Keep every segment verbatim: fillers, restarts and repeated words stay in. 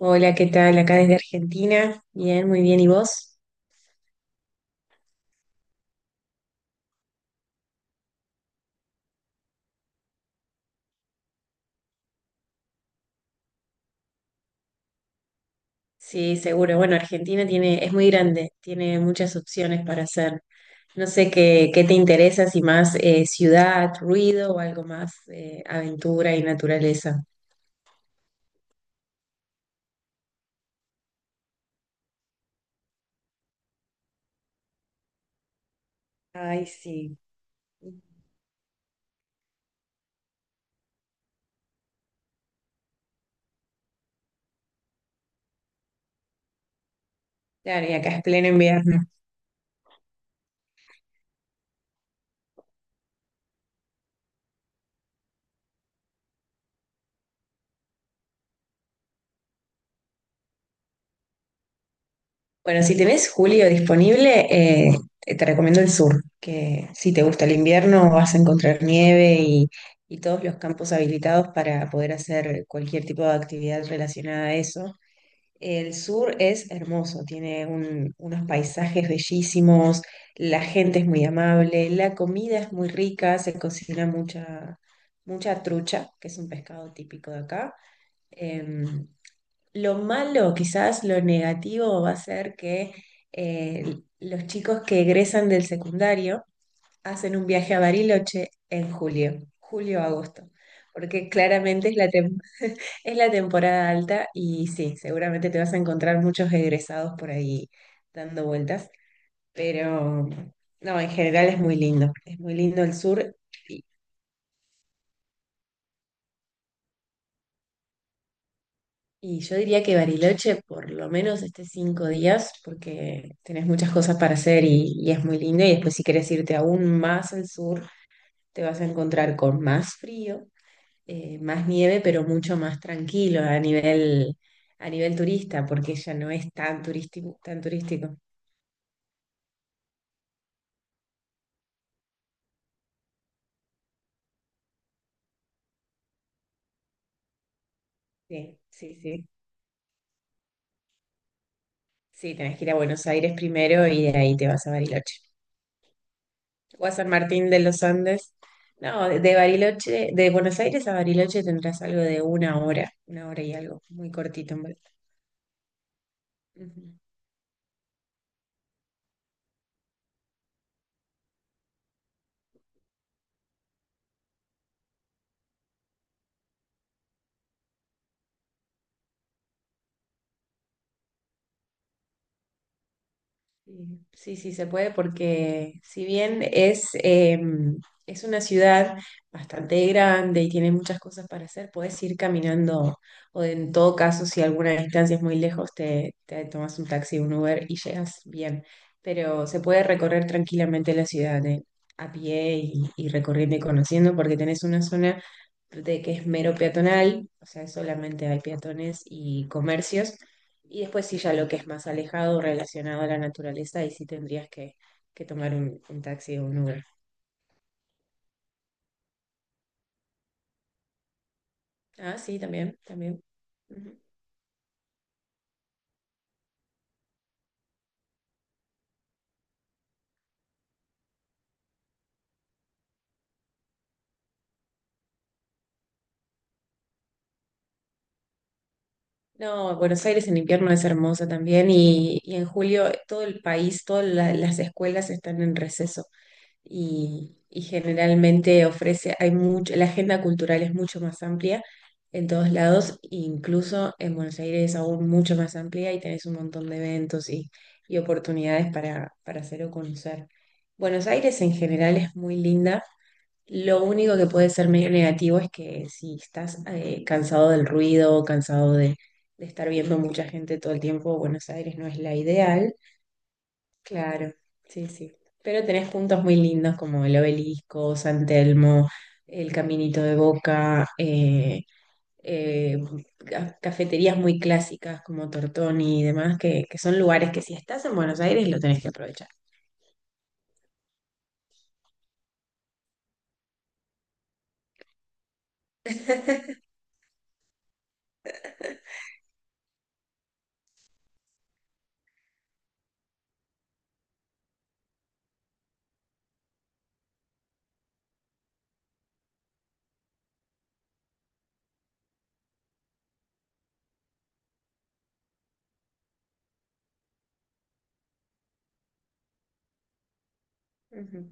Hola, ¿qué tal? Acá desde Argentina. Bien, muy bien. ¿Y vos? Sí, seguro. Bueno, Argentina tiene, es muy grande, tiene muchas opciones para hacer. No sé qué, qué te interesa, si más eh, ciudad, ruido o algo más eh, aventura y naturaleza. Ay, sí. Claro, y acá es pleno invierno. Bueno, si tenés julio disponible, eh, te te recomiendo el sur, que si te gusta el invierno vas a encontrar nieve y, y todos los campos habilitados para poder hacer cualquier tipo de actividad relacionada a eso. El sur es hermoso, tiene un- unos paisajes bellísimos, la gente es muy amable, la comida es muy rica, se cocina mucha, mucha trucha, que es un pescado típico de acá. Em, lo malo, quizás lo negativo, va a ser que eh, los chicos que egresan del secundario hacen un viaje a Bariloche en julio, julio-agosto, porque claramente es la, tem- es la temporada alta y sí, seguramente te vas a encontrar muchos egresados por ahí dando vueltas, pero no, en general es muy lindo, es muy lindo el sur. Y yo diría que Bariloche por lo menos esté cinco días porque tenés muchas cosas para hacer y, y es muy lindo. Y después si querés irte aún más al sur, te vas a encontrar con más frío, eh, más nieve, pero mucho más tranquilo a nivel, a nivel turista, porque ya no es tan turístico, tan turístico. Sí, sí, sí. Sí, tenés que ir a Buenos Aires primero y de ahí te vas a Bariloche o a San Martín de los Andes. No, de de Bariloche, de Buenos Aires a Bariloche tendrás algo de una hora, una hora y algo, muy cortito en verdad. Ujú. Sí, sí, sí, se puede porque si bien es, eh, es una ciudad bastante grande y tiene muchas cosas para hacer, puedes ir caminando o en todo caso, si alguna distancia es muy lejos, te, te tomas un taxi, un Uber y llegas bien. Pero se puede recorrer tranquilamente la ciudad eh, a pie y, y recorriendo y conociendo porque tenés una zona de que es mero peatonal, o sea, solamente hay peatones y comercios y después sí ya lo que es más alejado, relacionado a la naturaleza, ahí sí tendrías que, que tomar un, un taxi o un Uber. Ah, sí, también, también. Ujú. No, Buenos Aires en invierno es hermosa también y, y en julio todo el país, todas la- las escuelas están en receso. y, y generalmente ofrece, hay mucho, la agenda cultural es mucho más amplia en todos lados, incluso en Buenos Aires es aún mucho más amplia y tenés un montón de eventos y, y oportunidades para, para hacer o conocer. Buenos Aires en general es muy linda. Lo único que puede ser medio negativo es que si estás eh, cansado del ruido, cansado de, de estar viendo mucha gente todo el tiempo, Buenos Aires no es la ideal. Claro, sí, sí. Pero tenés puntos muy lindos como el Obelisco, San Telmo, el Caminito de Boca, eh, eh, ca- cafeterías muy clásicas como Tortoni y demás, que, que son lugares que si estás en Buenos Aires lo tenés que aprovechar. Ujú.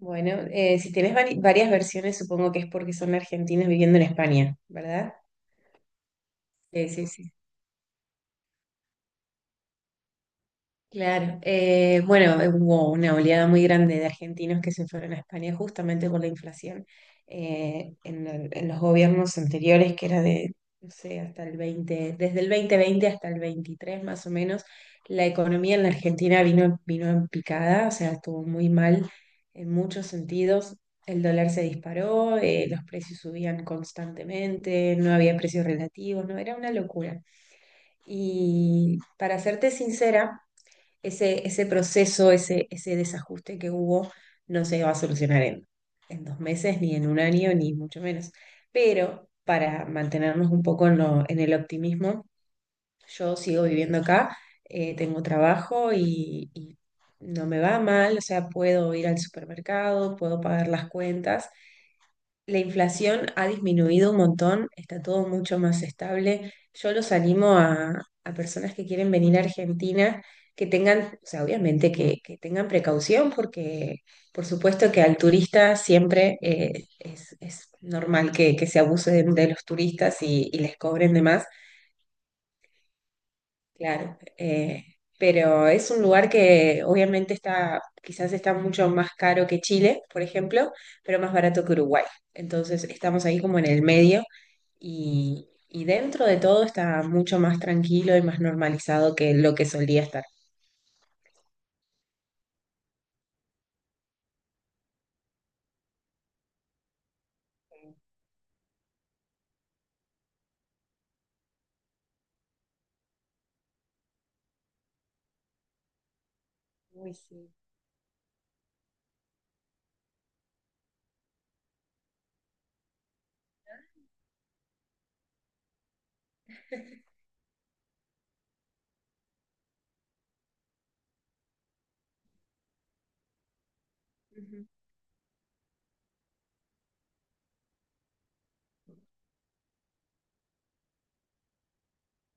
Bueno, eh, si tenés vari- varias versiones, supongo que es porque son argentinos viviendo en España, ¿verdad? Sí, sí, sí. Claro, eh, bueno, eh, hubo una oleada muy grande de argentinos que se fueron a España justamente por la inflación. Eh, en, el- en los gobiernos anteriores, que era de, no sé, hasta el veinte, desde el dos mil veinte hasta el veintitrés más o menos, la economía en la Argentina vino, vino en picada, o sea, estuvo muy mal en muchos sentidos. El dólar se disparó, eh, los precios subían constantemente, no había precios relativos, no, era una locura. Y para serte sincera, ese, ese proceso, ese, ese desajuste que hubo, no se va a solucionar en, en, dos meses, ni en un año, ni mucho menos. Pero para mantenernos un poco en, lo- en el optimismo, yo sigo viviendo acá, eh, tengo trabajo y, y no me va mal, o sea, puedo ir al supermercado, puedo pagar las cuentas. La inflación ha disminuido un montón, está todo mucho más estable. Yo los animo a, a personas que quieren venir a Argentina que tengan, o sea, obviamente que, que tengan precaución porque por supuesto que al turista siempre eh, es, es normal que, que se abuse de, de los turistas y, y les cobren de más. Claro, eh, pero es un lugar que obviamente está, quizás está mucho más caro que Chile, por ejemplo, pero más barato que Uruguay. Entonces estamos ahí como en el medio y, y dentro de todo está mucho más tranquilo y más normalizado que lo que solía estar. Uy, sí. Ujú.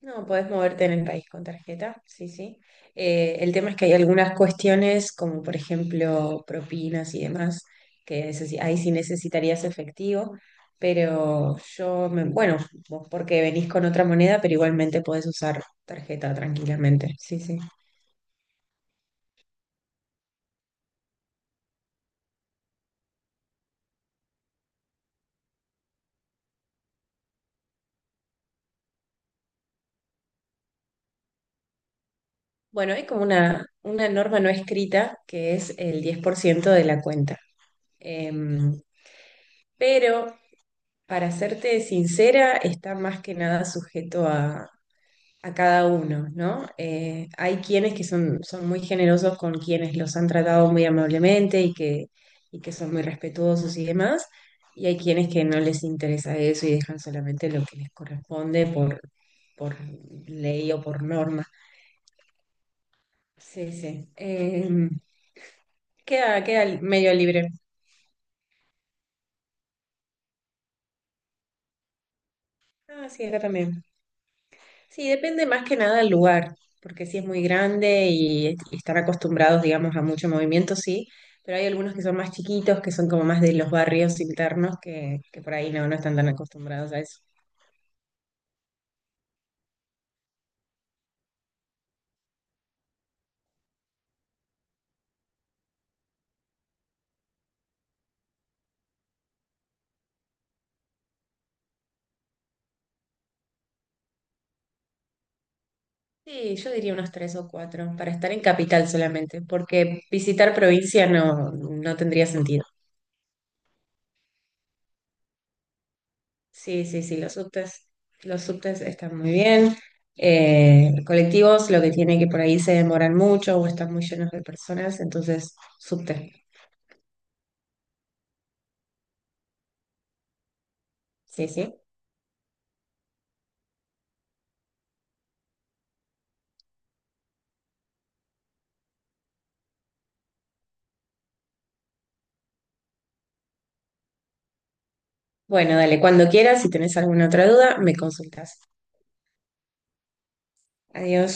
No, podés moverte en el país con tarjeta, sí, sí. Eh, el tema es que hay algunas cuestiones, como por ejemplo propinas y demás, que eso sí- ahí sí necesitarías efectivo, pero yo, me, bueno, vos porque venís con otra moneda, pero igualmente podés usar tarjeta tranquilamente, sí, sí. Bueno, hay como una, una norma no escrita que es el diez por ciento de la cuenta. Em, pero, para serte sincera, está más que nada sujeto a a cada uno, ¿no? Eh, hay quienes que son, son muy generosos con quienes los han tratado muy amablemente y que, y que son muy respetuosos y demás, y hay quienes que no les interesa eso y dejan solamente lo que les corresponde por, por ley o por norma. Sí, sí. Eh, queda, queda medio libre. Ah, sí, acá también. Sí, depende más que nada del lugar, porque si es muy grande y, y están acostumbrados, digamos, a mucho movimiento, sí, pero hay algunos que son más chiquitos, que son como más de los barrios internos, que, que por ahí no, no están tan acostumbrados a eso. Sí, yo diría unos tres o cuatro, para estar en capital solamente, porque visitar provincia no, no tendría sentido. Sí, sí, sí, los subtes, los subtes están muy bien. Eh, colectivos, lo que tiene que por ahí se demoran mucho o están muy llenos de personas, entonces subte. Sí, sí. Bueno, dale, cuando quieras, si tenés alguna otra duda, me consultas. Adiós.